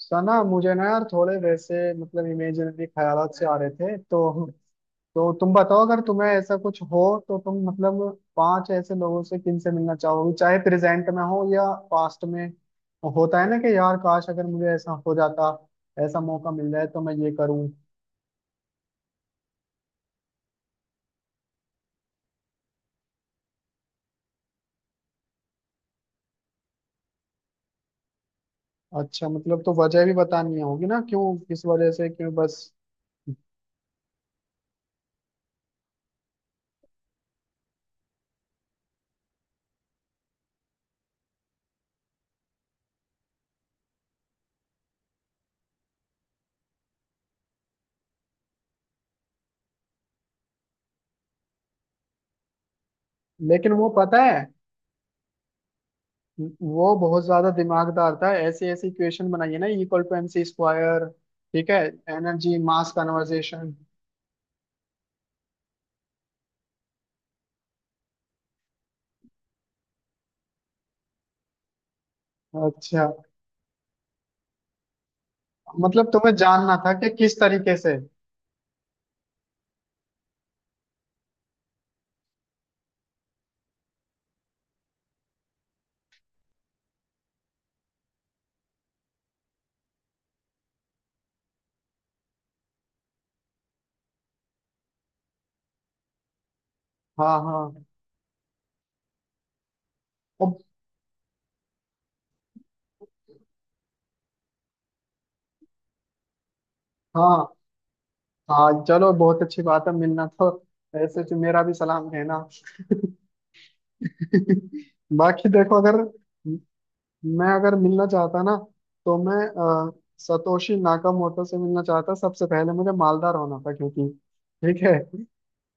सना, मुझे ना यार थोड़े वैसे इमेजिनरी ख्यालात से आ रहे थे। तो तुम बताओ, अगर तुम्हें ऐसा कुछ हो तो तुम 5 ऐसे लोगों से किनसे मिलना चाहोगी, चाहे प्रेजेंट में हो या पास्ट में। होता है ना कि यार काश अगर मुझे ऐसा हो जाता, ऐसा मौका मिल जाए तो मैं ये करूं। अच्छा, तो वजह भी बतानी होगी ना, क्यों, किस वजह से, क्यों बस। लेकिन वो पता है, वो बहुत ज्यादा दिमागदार था, ऐसे ऐसे इक्वेशन बनाई है ना, equal to M C square. ठीक है, एनर्जी मास कन्वर्जेशन। अच्छा, तुम्हें जानना था कि किस तरीके से। हाँ हाँ। अब हाँ हाँ, चलो बहुत अच्छी बात है, मिलना तो। ऐसे तो मेरा भी सलाम कहना। बाकी देखो, अगर मैं अगर मिलना चाहता ना तो मैं अ, सतोशी नाकामोटो से मिलना चाहता। सबसे पहले मुझे मालदार होना था, क्योंकि ठीक है।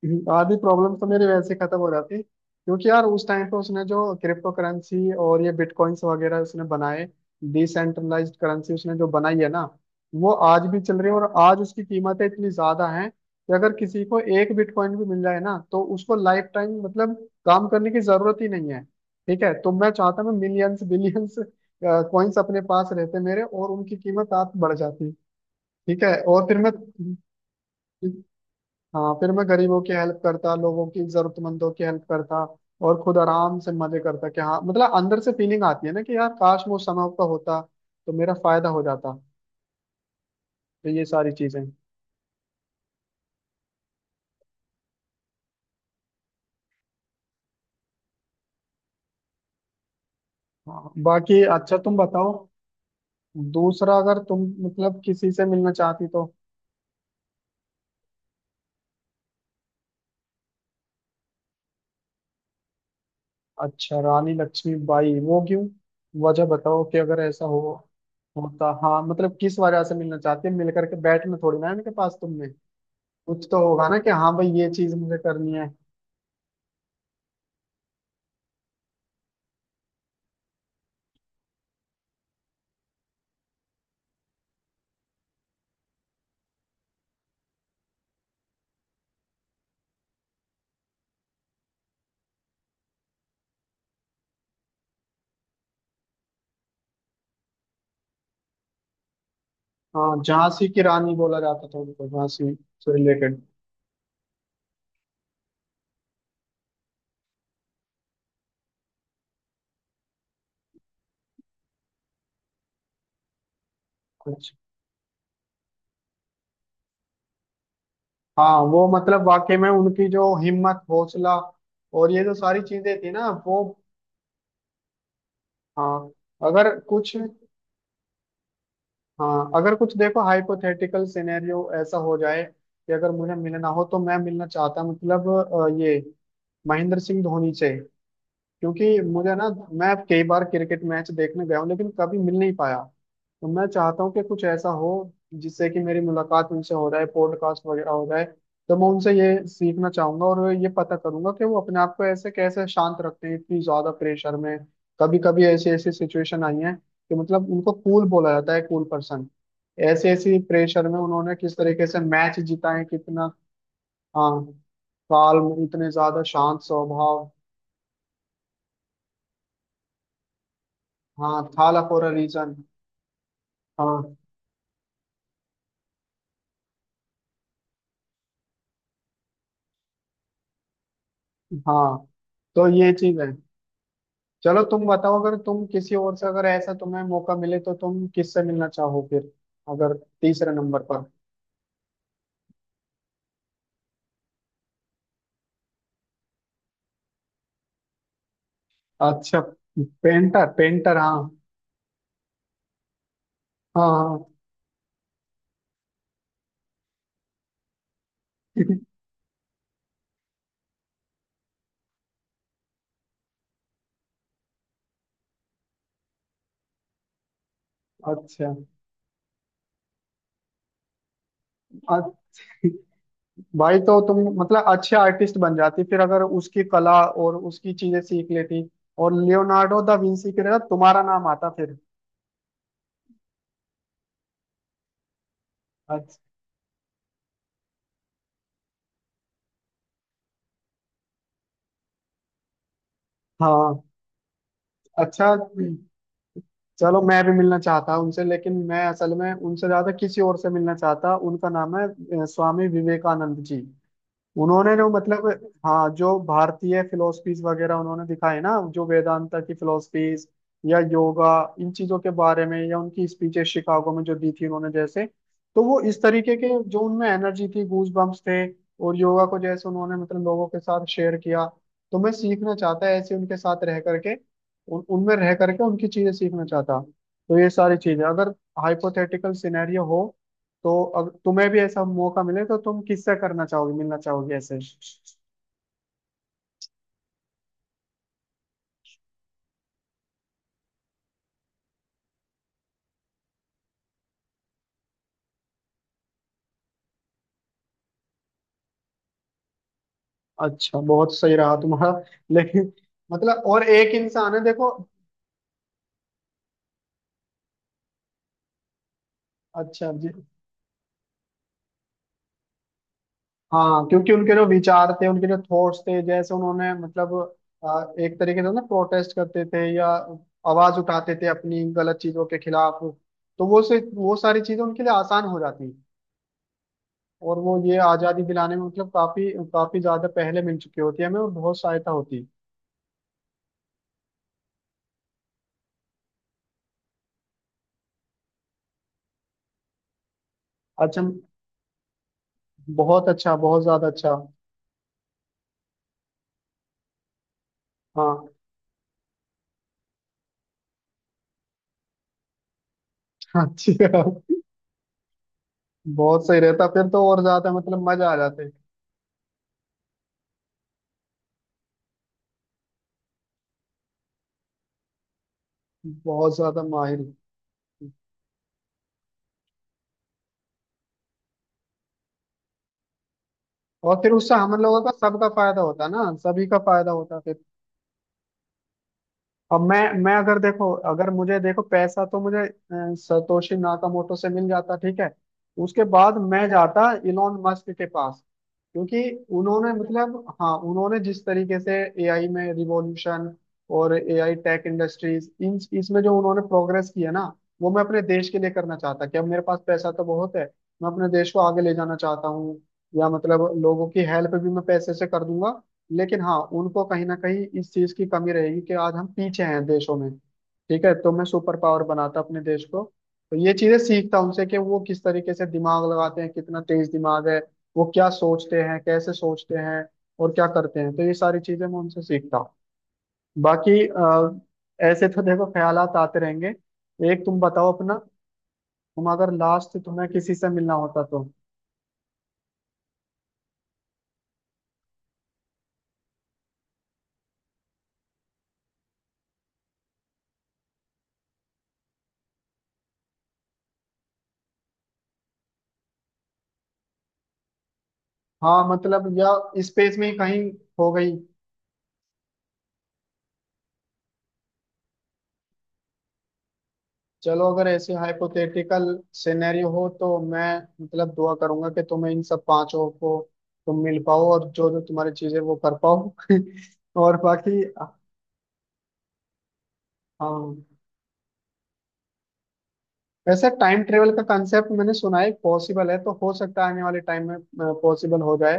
आधी प्रॉब्लम तो मेरी वैसे खत्म हो जाती, क्योंकि यार उस टाइम पे उसने जो क्रिप्टो करेंसी और ये बिटकॉइंस वगैरह उसने बनाए। डिसेंट्रलाइज्ड करेंसी उसने जो बनाई है ना, वो आज भी चल रही है, और आज उसकी कीमतें इतनी ज्यादा हैं कि अगर किसी को एक बिटकॉइन भी मिल जाए ना तो उसको लाइफ टाइम काम करने की जरूरत ही नहीं है। ठीक है, तो मैं चाहता मैं मिलियंस बिलियंस कॉइन्स अपने पास रहते मेरे, और उनकी कीमत आप बढ़ जाती। ठीक है, और फिर मैं हाँ फिर मैं गरीबों की हेल्प करता, लोगों की, जरूरतमंदों की हेल्प करता, और खुद आराम से मजे करता। कि हाँ अंदर से फीलिंग आती है ना कि यार काश मैं उस समय पर होता तो मेरा फायदा हो जाता। तो ये सारी चीजें। हाँ, बाकी अच्छा तुम बताओ, दूसरा अगर तुम किसी से मिलना चाहती तो। अच्छा, रानी लक्ष्मीबाई, वो क्यों? वजह बताओ कि अगर ऐसा हो होता, हाँ, किस वजह से मिलना चाहती है, मिल करके बैठना थोड़ी ना है इनके पास तुमने। कुछ तो होगा ना कि हाँ भाई, ये चीज मुझे करनी है। हाँ, झांसी की रानी बोला जाता था उनको, झांसी से रिलेटेड कुछ। हाँ, वो वाकई में उनकी जो हिम्मत, हौसला, और ये जो सारी चीजें थी ना, वो। हाँ अगर कुछ हाँ, अगर कुछ देखो, हाइपोथेटिकल सिनेरियो ऐसा हो जाए कि अगर मुझे मिलना हो तो मैं मिलना चाहता ये महेंद्र सिंह धोनी से। क्योंकि मुझे ना, मैं कई बार क्रिकेट मैच देखने गया हूँ, लेकिन कभी मिल नहीं पाया। तो मैं चाहता हूँ कि कुछ ऐसा हो जिससे कि मेरी मुलाकात उनसे हो जाए, पॉडकास्ट वगैरह हो जाए। तो मैं उनसे ये सीखना चाहूंगा और ये पता करूंगा कि वो अपने आप को ऐसे कैसे शांत रखते हैं इतनी ज्यादा प्रेशर में। कभी कभी ऐसी ऐसी सिचुएशन आई है कि उनको कूल बोला जाता है, कूल पर्सन। ऐसे ऐसी प्रेशर में उन्होंने किस तरीके से मैच जीता है, कितना। हाँ, काल, इतने ज्यादा शांत स्वभाव। हाँ, था फॉर अ रीजन। हाँ हाँ, तो ये चीज है। चलो तुम बताओ, अगर तुम किसी और से अगर ऐसा तुम्हें मौका मिले तो तुम किससे मिलना चाहो फिर, अगर तीसरे नंबर पर। अच्छा, पेंटर, पेंटर हाँ, हाँ हाँ। अच्छा। अ- भाई, तो तुम अच्छे आर्टिस्ट बन जाती फिर, अगर उसकी कला और उसकी चीजें सीख लेती, और लियोनार्डो दा विंसी की जगह तुम्हारा नाम आता फिर। अच्छा। हाँ, अच्छा, चलो मैं भी मिलना चाहता हूँ उनसे, लेकिन मैं असल में उनसे ज्यादा किसी और से मिलना चाहता, उनका नाम है स्वामी विवेकानंद जी। उन्होंने जो हाँ, जो भारतीय फिलोसफीज वगैरह उन्होंने दिखाए ना, जो वेदांता की फिलोसफीज या योगा, इन चीजों के बारे में, या उनकी स्पीचेस शिकागो में जो दी थी उन्होंने, जैसे। तो वो इस तरीके के, जो उनमें एनर्जी थी, गूज बम्प्स थे। और योगा को जैसे उन्होंने लोगों के साथ शेयर किया। तो मैं सीखना चाहता ऐसे उनके साथ रह करके, उन उनमें रह करके उनकी चीजें सीखना चाहता। तो ये सारी चीजें, अगर हाइपोथेटिकल सिनेरियो हो, तो अगर तुम्हें भी ऐसा मौका मिले तो तुम किससे करना चाहोगी, मिलना चाहोगी ऐसे। अच्छा, बहुत सही रहा तुम्हारा। लेकिन और एक इंसान है देखो। अच्छा जी। हाँ, क्योंकि उनके जो विचार थे, उनके जो थॉट्स थे, जैसे उन्होंने एक तरीके से ना प्रोटेस्ट करते थे या आवाज उठाते थे अपनी गलत चीजों के खिलाफ। तो वो सारी चीजें उनके लिए आसान हो जाती, और वो ये आजादी दिलाने में काफी काफी ज्यादा पहले मिल चुकी होती है हमें, और बहुत सहायता होती। अच्छा, बहुत अच्छा, बहुत ज्यादा अच्छा। हाँ, अच्छी है, बहुत सही रहता फिर तो, और ज्यादा मजा आ जाते। बहुत ज्यादा माहिर। और फिर उससे हम लोगों का, सबका फायदा होता ना, सभी का फायदा होता फिर। अब मैं अगर देखो, अगर मुझे देखो पैसा तो मुझे सतोशी नाकामोटो से मिल जाता, ठीक है। उसके बाद मैं जाता इलोन मस्क के पास, क्योंकि उन्होंने हाँ, उन्होंने जिस तरीके से एआई में रिवॉल्यूशन और एआई टेक इंडस्ट्रीज इन इसमें जो उन्होंने प्रोग्रेस की है ना, वो मैं अपने देश के लिए करना चाहता। कि अब मेरे पास पैसा तो बहुत है, मैं अपने देश को आगे ले जाना चाहता हूँ, या लोगों की हेल्प भी मैं पैसे से कर दूंगा, लेकिन हाँ, उनको कहीं ना कहीं इस चीज की कमी रहेगी कि आज हम पीछे हैं देशों में। ठीक है, तो मैं सुपर पावर बनाता अपने देश को। तो ये चीजें सीखता उनसे कि वो किस तरीके से दिमाग लगाते हैं, कितना तेज दिमाग है, वो क्या सोचते हैं, कैसे सोचते हैं, और क्या करते हैं। तो ये सारी चीजें मैं उनसे सीखता हूँ। बाकी ऐसे तो देखो ख्यालात आते रहेंगे। एक तुम बताओ अपना, तुम अगर लास्ट तुम्हें किसी से मिलना होता तो। हाँ, या स्पेस में ही कहीं हो गई। चलो, अगर ऐसे हाइपोथेटिकल सिनेरियो हो, तो मैं दुआ करूंगा कि तुम्हें इन सब पांचों को तुम मिल पाओ और जो जो तुम्हारी चीजें वो कर पाओ। और बाकी, हाँ, वैसे टाइम ट्रेवल का कंसेप्ट मैंने सुना है पॉसिबल है, तो हो सकता है आने वाले टाइम में पॉसिबल हो जाए।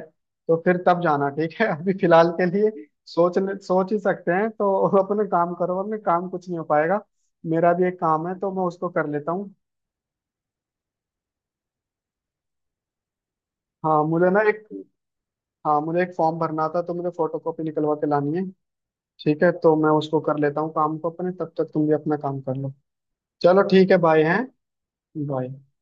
तो फिर तब जाना, ठीक है। अभी फिलहाल के लिए सोच सोच ही सकते हैं तो। अपने काम करो, अपने काम, कुछ नहीं हो पाएगा। मेरा भी एक काम है तो मैं उसको कर लेता हूँ। हाँ मुझे ना एक हाँ, मुझे एक फॉर्म भरना था, तो मुझे फोटो कॉपी निकलवा के लानी है। ठीक है, तो मैं उसको कर लेता हूँ काम को अपने, तब तक तुम भी अपना काम कर लो। चलो ठीक है, बाय, हैं, बाय।